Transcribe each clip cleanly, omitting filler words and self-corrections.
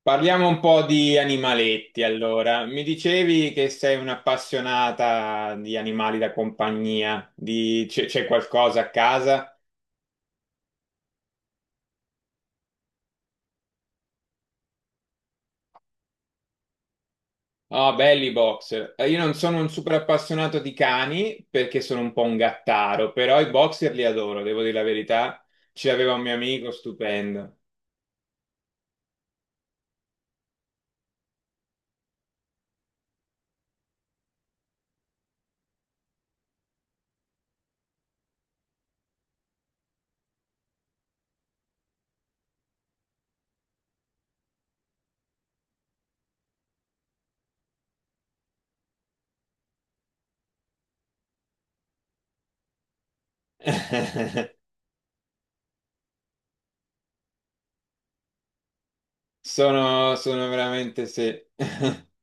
Parliamo un po' di animaletti allora. Mi dicevi che sei un'appassionata di animali da compagnia, c'è qualcosa a casa? Ah, belli i boxer. Io non sono un super appassionato di cani perché sono un po' un gattaro, però i boxer li adoro, devo dire la verità. Ce l'aveva un mio amico, stupendo. Sono, sono veramente, sì.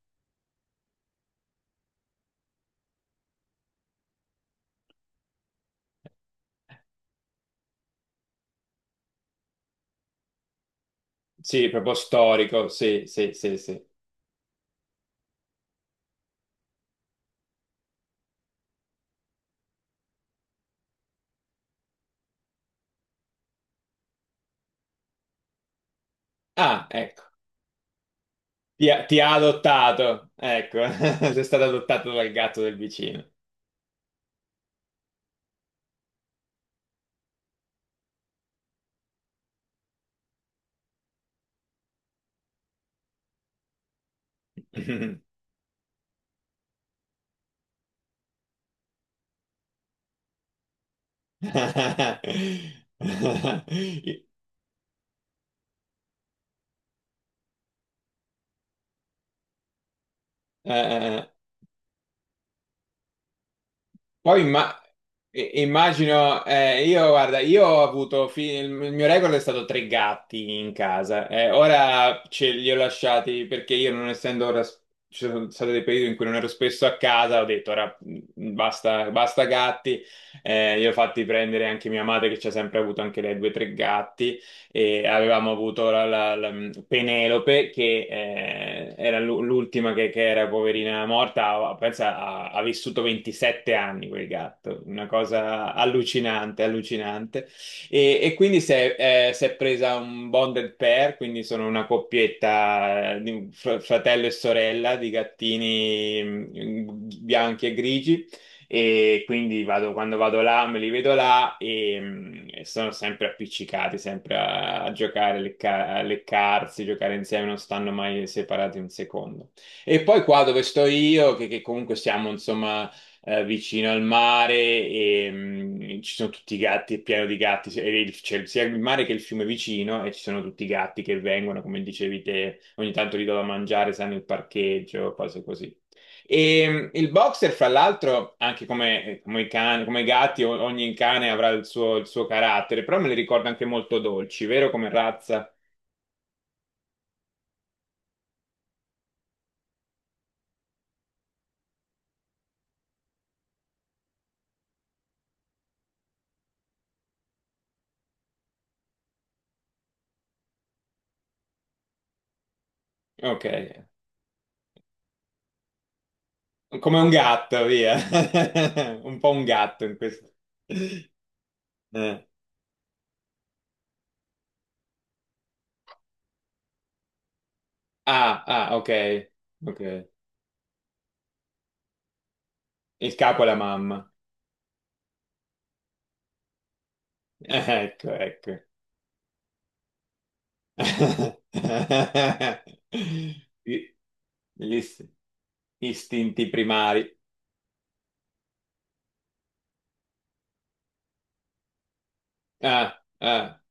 Sì, proprio storico, sì, sì, sì, sì. Ah, ecco. Ti ha adottato, ecco, sei stato adottato dal gatto del vicino. Eh, eh, Poi imma- immagino, io guarda, io ho avuto, il mio record è stato tre gatti in casa, ora ce li ho lasciati perché io non essendo ora, ci sono stati dei periodi in cui non ero spesso a casa, ho detto ora basta, basta gatti, li ho fatti prendere anche mia madre che ci ha sempre avuto anche lei due o tre gatti. E avevamo avuto Penelope che era l'ultima che era poverina morta, pensa, ha, ha vissuto 27 anni quel gatto, una cosa allucinante, allucinante. E quindi si è presa un bonded pair, quindi sono una coppietta di un fratello e sorella di gattini bianchi e grigi e quindi quando vado là me li vedo là e sono sempre appiccicati, sempre a, a giocare, a a leccarsi, giocare insieme, non stanno mai separati un secondo. E poi qua dove sto io, che comunque siamo insomma vicino al mare e ci sono tutti i gatti, è pieno di gatti, e c'è sia il mare che il fiume vicino e ci sono tutti i gatti che vengono, come dicevi te, ogni tanto gli do da mangiare, sanno il parcheggio, cose così. E il boxer, fra l'altro, anche come, come i cani, come i gatti, ogni cane avrà il suo carattere, però me li ricorda anche molto dolci, vero? Come razza. Ok, come un gatto, via. Un po' un gatto in questo. Eh. Ah, ah, ok. Ok. Il capo è la mamma. Eh, ecco, ecco. Gli gli istinti primari. Ah, ah.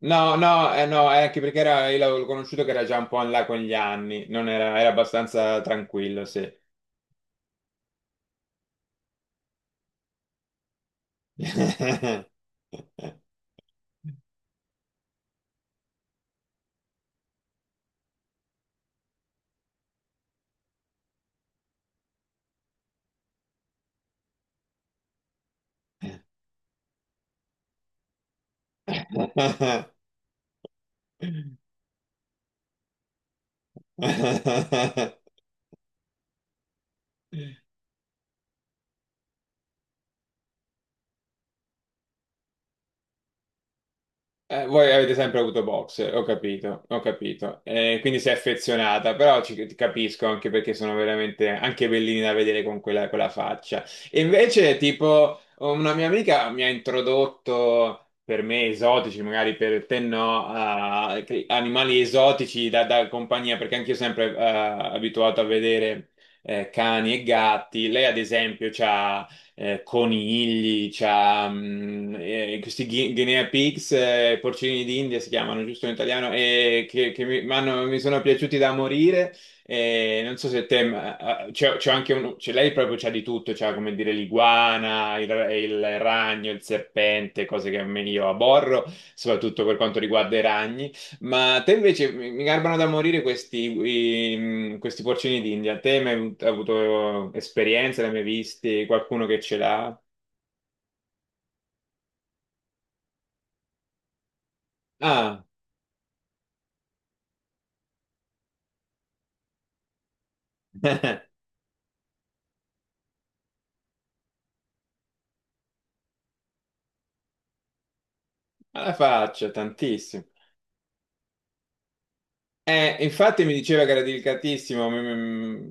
No, no, no, è anche perché era, io l'avevo conosciuto che era già un po' in là con gli anni, non era, era abbastanza tranquillo, sì. Voi avete sempre avuto box, ho capito, ho capito. Quindi sei affezionata, però ci, ti capisco anche perché sono veramente anche bellini da vedere con quella, quella faccia. E invece, tipo, una mia amica mi ha introdotto, per me esotici, magari per te no, a animali esotici da, da compagnia, perché anch'io sempre abituato a vedere cani e gatti. Lei, ad esempio, c'ha conigli, c'ha, questi guinea pigs, porcini d'India si chiamano giusto in italiano, e che mi, mi sono piaciuti da morire. E non so se te, c'è anche uno, lei proprio c'ha di tutto, c'ha come dire l'iguana, il ragno, il serpente, cose che io aborro, soprattutto per quanto riguarda i ragni. Ma te invece mi garbano da morire questi, questi porcini d'India. Te mi hai mai avuto esperienze, ne hai mai visti? Qualcuno che ce l'ha? Ah, alla faccia, tantissimo. Infatti mi diceva che era delicatissimo.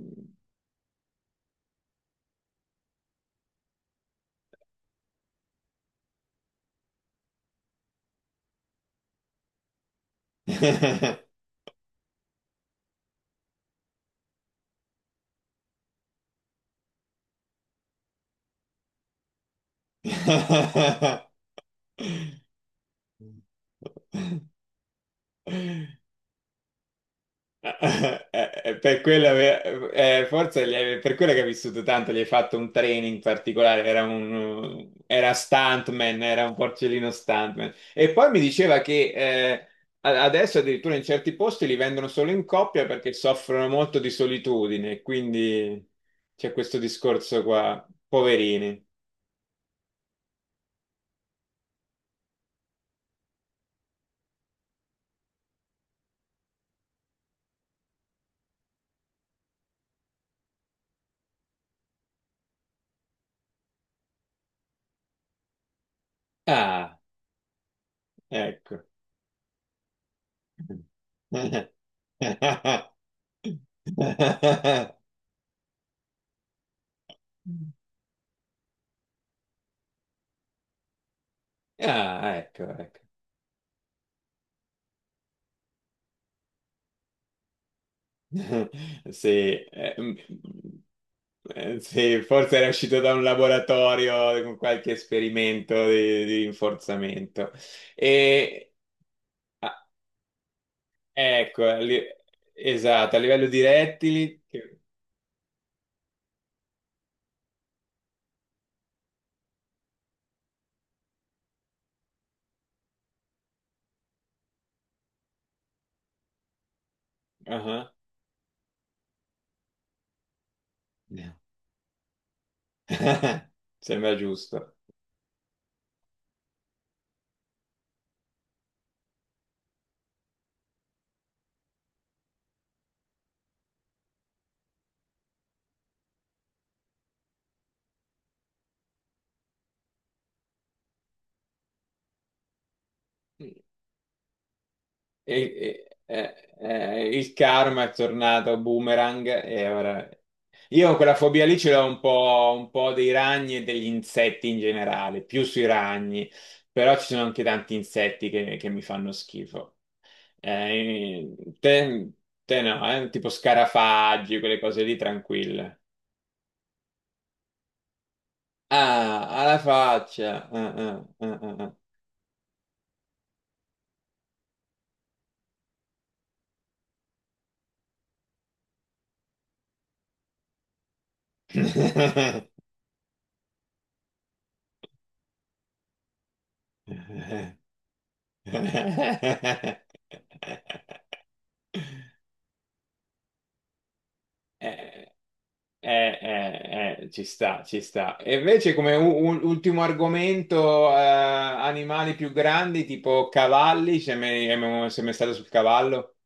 mi- mi- per quello, per quello che hai vissuto tanto, gli hai fatto un training particolare, era un, era stuntman, era un porcellino stuntman. E poi mi diceva che adesso addirittura in certi posti li vendono solo in coppia perché soffrono molto di solitudine, quindi c'è questo discorso qua, poverini. Ah, ecco. Ah, ecco, ecco. Sì, sì, forse era uscito da un laboratorio con qualche esperimento di rinforzamento. E ah, ecco, a li- esatto, a livello di rettili, ah, ah. Sembra giusto. Il karma è tornato boomerang e ora... Io quella fobia lì ce l'ho un po' dei ragni e degli insetti in generale, più sui ragni, però ci sono anche tanti insetti che mi fanno schifo. Eh, te, te no, tipo scarafaggi, quelle cose lì tranquille. Ah, alla faccia. Ah, ah, ah, ah, ah. Eh, eh, ci sta, ci sta. E invece come ultimo argomento, animali più grandi, tipo cavalli, se mai stato sul cavallo?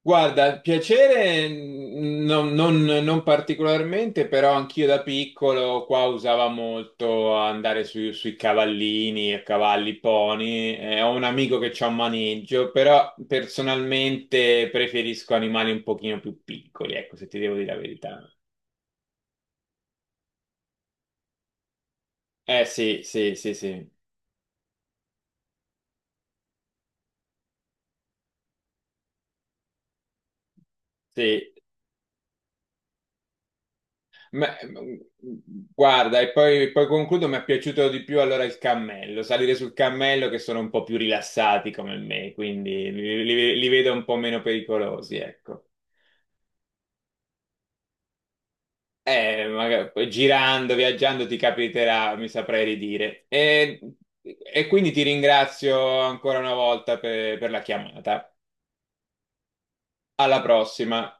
Guarda, piacere non, non particolarmente, però anch'io da piccolo qua usava molto andare sui cavallini, a cavalli, pony. Ho un amico che c'ha un maneggio, però personalmente preferisco animali un pochino più piccoli, ecco, se ti devo dire la verità. Eh sì, sì, sì, sì, sì. Ma- guarda, e poi, poi concludo, mi è piaciuto di più allora il cammello, salire sul cammello che sono un po' più rilassati come me, quindi li, li vedo un po' meno pericolosi, ecco. Magari, poi girando, viaggiando ti capiterà, mi saprei ridire. E quindi ti ringrazio ancora una volta per la chiamata. Alla prossima.